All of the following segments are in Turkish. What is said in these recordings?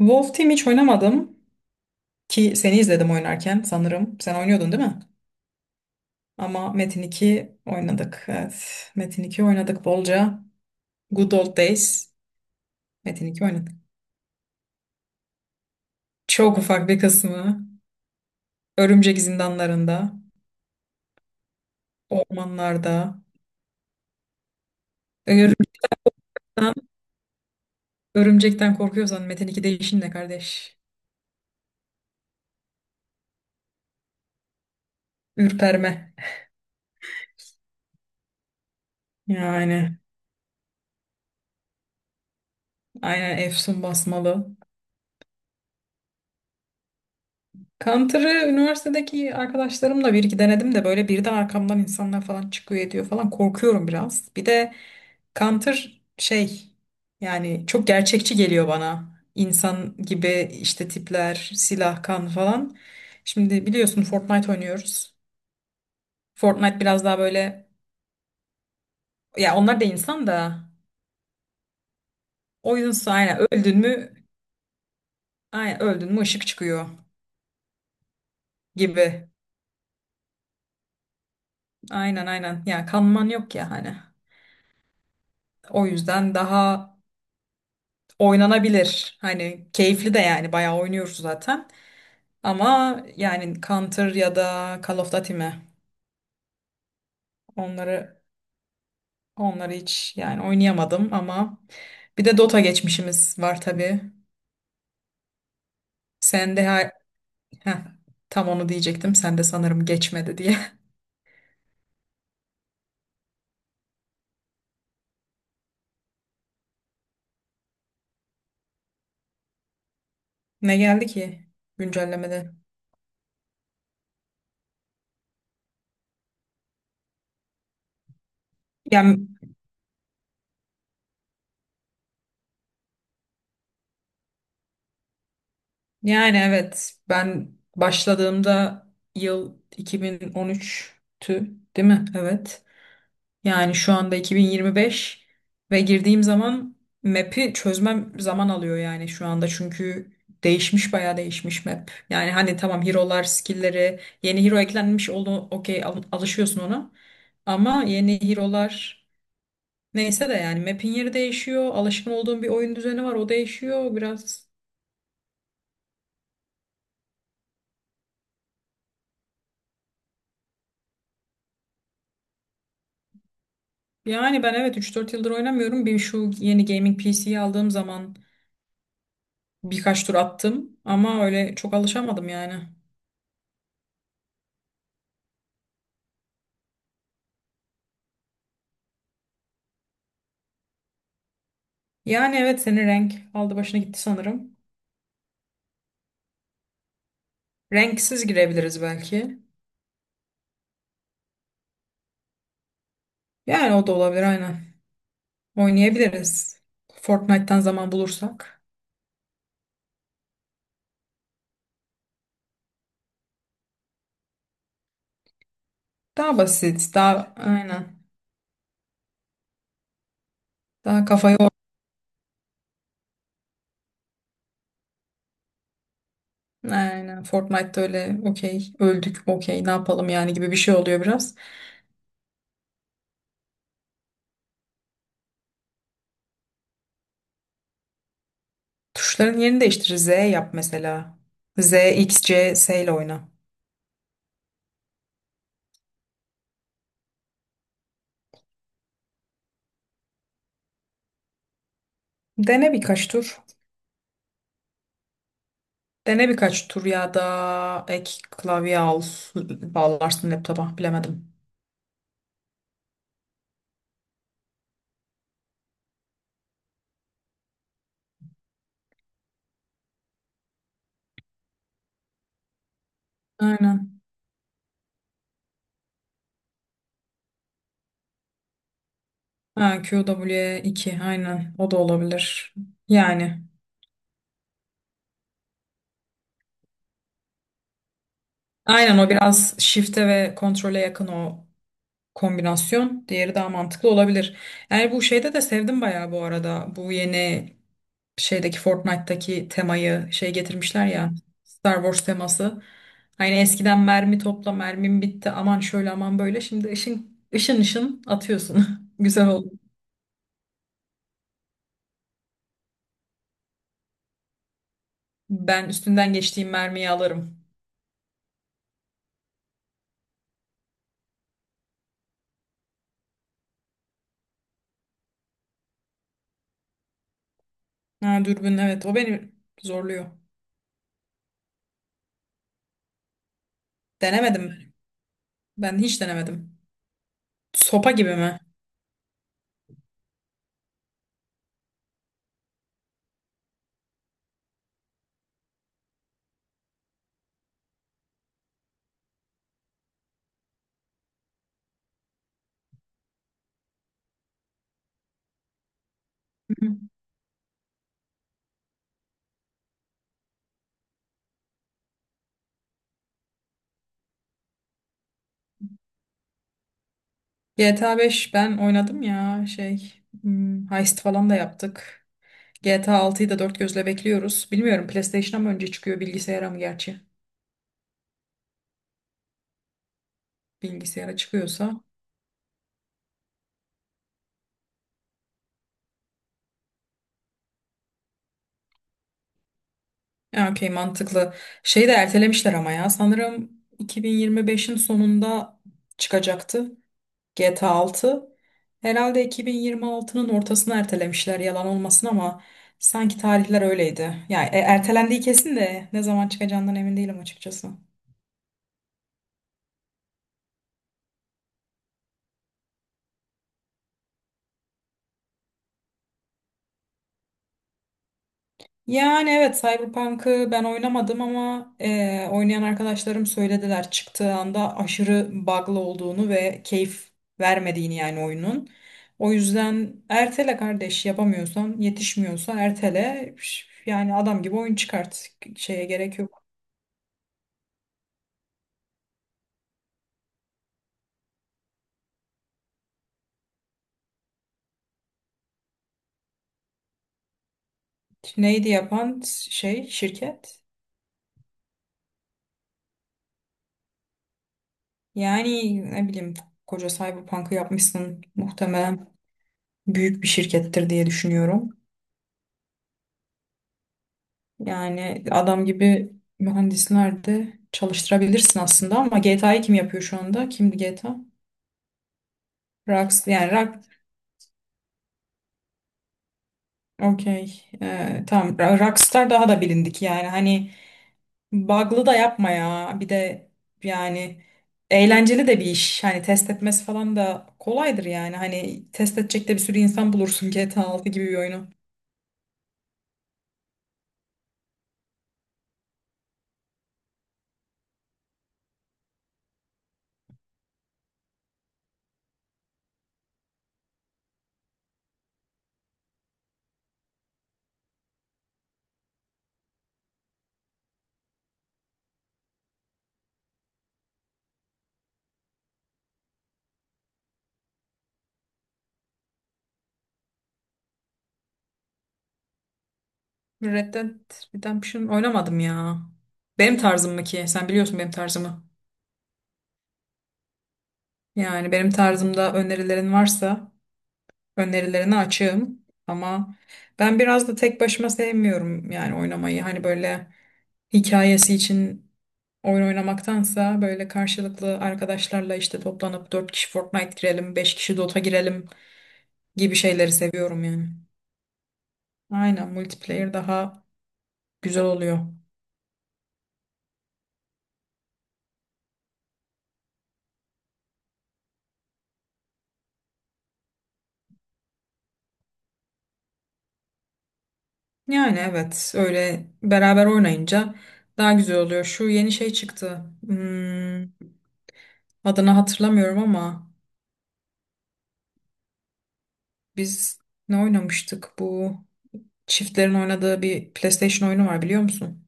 Wolf Team hiç oynamadım ki seni izledim oynarken sanırım. Sen oynuyordun değil mi? Ama Metin 2 oynadık. Evet. Metin 2 oynadık bolca. Good Old Days. Metin 2 oynadık. Çok ufak bir kısmı. Örümcek zindanlarında, ormanlarda. Örümcekten, örümcekten korkuyorsan Metin 2'de işin ne kardeş? Ürperme. Yani aynen Efsun basmalı. Counter'ı üniversitedeki arkadaşlarımla bir iki denedim de böyle bir de arkamdan insanlar falan çıkıyor ediyor falan korkuyorum biraz. Bir de Counter şey yani çok gerçekçi geliyor bana. İnsan gibi işte tipler, silah, kan falan. Şimdi biliyorsun Fortnite oynuyoruz. Fortnite biraz daha böyle ya onlar da insan da aynen öldün mü aynen öldün mü ışık çıkıyor gibi. Aynen aynen ya kanman yok ya hani. O yüzden daha oynanabilir. Hani keyifli de yani bayağı oynuyoruz zaten. Ama yani Counter ya da Call of Duty mi? Onları onları hiç yani oynayamadım ama bir de Dota geçmişimiz var tabii. Sen de ha- heh, tam onu diyecektim. Sen de sanırım geçmedi diye. Ne geldi ki güncellemede? Yani, yani, evet ben başladığımda yıl 2013'tü değil mi? Evet. Yani şu anda 2025 ve girdiğim zaman map'i çözmem zaman alıyor yani şu anda çünkü değişmiş bayağı değişmiş map. Yani hani tamam hero'lar, skill'leri, yeni hero eklenmiş oldu okey alışıyorsun ona. Ama yeni hero'lar neyse de yani map'in yeri değişiyor. Alışkın olduğum bir oyun düzeni var o değişiyor biraz. Yani ben evet 3-4 yıldır oynamıyorum. Bir şu yeni gaming PC'yi aldığım zaman birkaç tur attım ama öyle çok alışamadım yani. Yani evet senin renk aldı başına gitti sanırım. Renksiz girebiliriz belki. Yani o da olabilir aynen. Oynayabiliriz. Fortnite'tan zaman bulursak. Daha basit, daha aynen. Daha kafayı or- Aynen. Fortnite'da öyle okey, öldük okey ne yapalım yani gibi bir şey oluyor biraz. Tuşların yerini değiştir. Z yap mesela. Z, X, C, S ile oyna. Dene birkaç tur. Dene birkaç tur ya da ek klavye al, bağlarsın laptopa bilemedim. Aynen. Ha, QW2 aynen o da olabilir. Yani aynen o biraz shift'e ve kontrole yakın o kombinasyon. Diğeri daha mantıklı olabilir. Yani bu şeyde de sevdim bayağı bu arada. Bu yeni şeydeki Fortnite'taki temayı şey getirmişler ya Star Wars teması. Hani eskiden mermi topla mermim bitti aman şöyle aman böyle. Şimdi ışın ışın ışın atıyorsun. Güzel oldu. Ben üstünden geçtiğim mermiyi alırım. Ha, dürbün evet o beni zorluyor. Denemedim. Ben hiç denemedim. Sopa gibi mi? Hı hı. GTA 5 ben oynadım ya heist falan da yaptık. GTA 6'yı da dört gözle bekliyoruz. Bilmiyorum PlayStation'a mı önce çıkıyor bilgisayara mı gerçi? Bilgisayara çıkıyorsa. Ya okey mantıklı. Şeyi de ertelemişler ama ya sanırım 2025'in sonunda çıkacaktı. GTA 6 herhalde 2026'nın ortasına ertelemişler yalan olmasın ama sanki tarihler öyleydi. Yani ertelendiği kesin de ne zaman çıkacağından emin değilim açıkçası. Yani evet Cyberpunk'ı ben oynamadım ama oynayan arkadaşlarım söylediler çıktığı anda aşırı bug'lı olduğunu ve keyif vermediğini yani oyunun. O yüzden ertele kardeş yapamıyorsan yetişmiyorsa ertele yani adam gibi oyun çıkart şeye gerek yok. Neydi yapan şey şirket? Yani ne bileyim koca Cyberpunk'ı yapmışsın muhtemelen büyük bir şirkettir diye düşünüyorum. Yani adam gibi mühendisler de çalıştırabilirsin aslında ama GTA'yı kim yapıyor şu anda? Kimdi GTA? Rockstar yani Rock okey tamam Rockstar daha da bilindik yani hani Bug'lı da yapma ya. Bir de yani eğlenceli de bir iş. Hani test etmesi falan da kolaydır yani. Hani test edecek de bir sürü insan bulursun GTA 6 gibi bir oyunu. Red Dead Redemption oynamadım ya. Benim tarzım mı ki? Sen biliyorsun benim tarzımı. Yani benim tarzımda önerilerin varsa önerilerine açığım ama ben biraz da tek başıma sevmiyorum yani oynamayı. Hani böyle hikayesi için oyun oynamaktansa böyle karşılıklı arkadaşlarla işte toplanıp 4 kişi Fortnite girelim, 5 kişi Dota girelim gibi şeyleri seviyorum yani. Aynen multiplayer daha güzel oluyor. Yani evet öyle beraber oynayınca daha güzel oluyor. Şu yeni şey çıktı. Hmm, adını hatırlamıyorum ama biz ne oynamıştık bu? Çiftlerin oynadığı bir PlayStation oyunu var biliyor musun?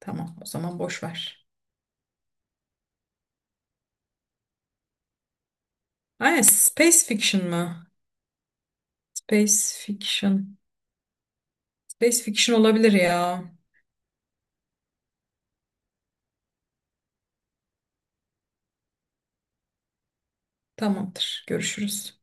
Tamam, o zaman boş ver. Aynen, Space Fiction mı? Space Fiction. Space Fiction olabilir ya. Tamamdır. Görüşürüz.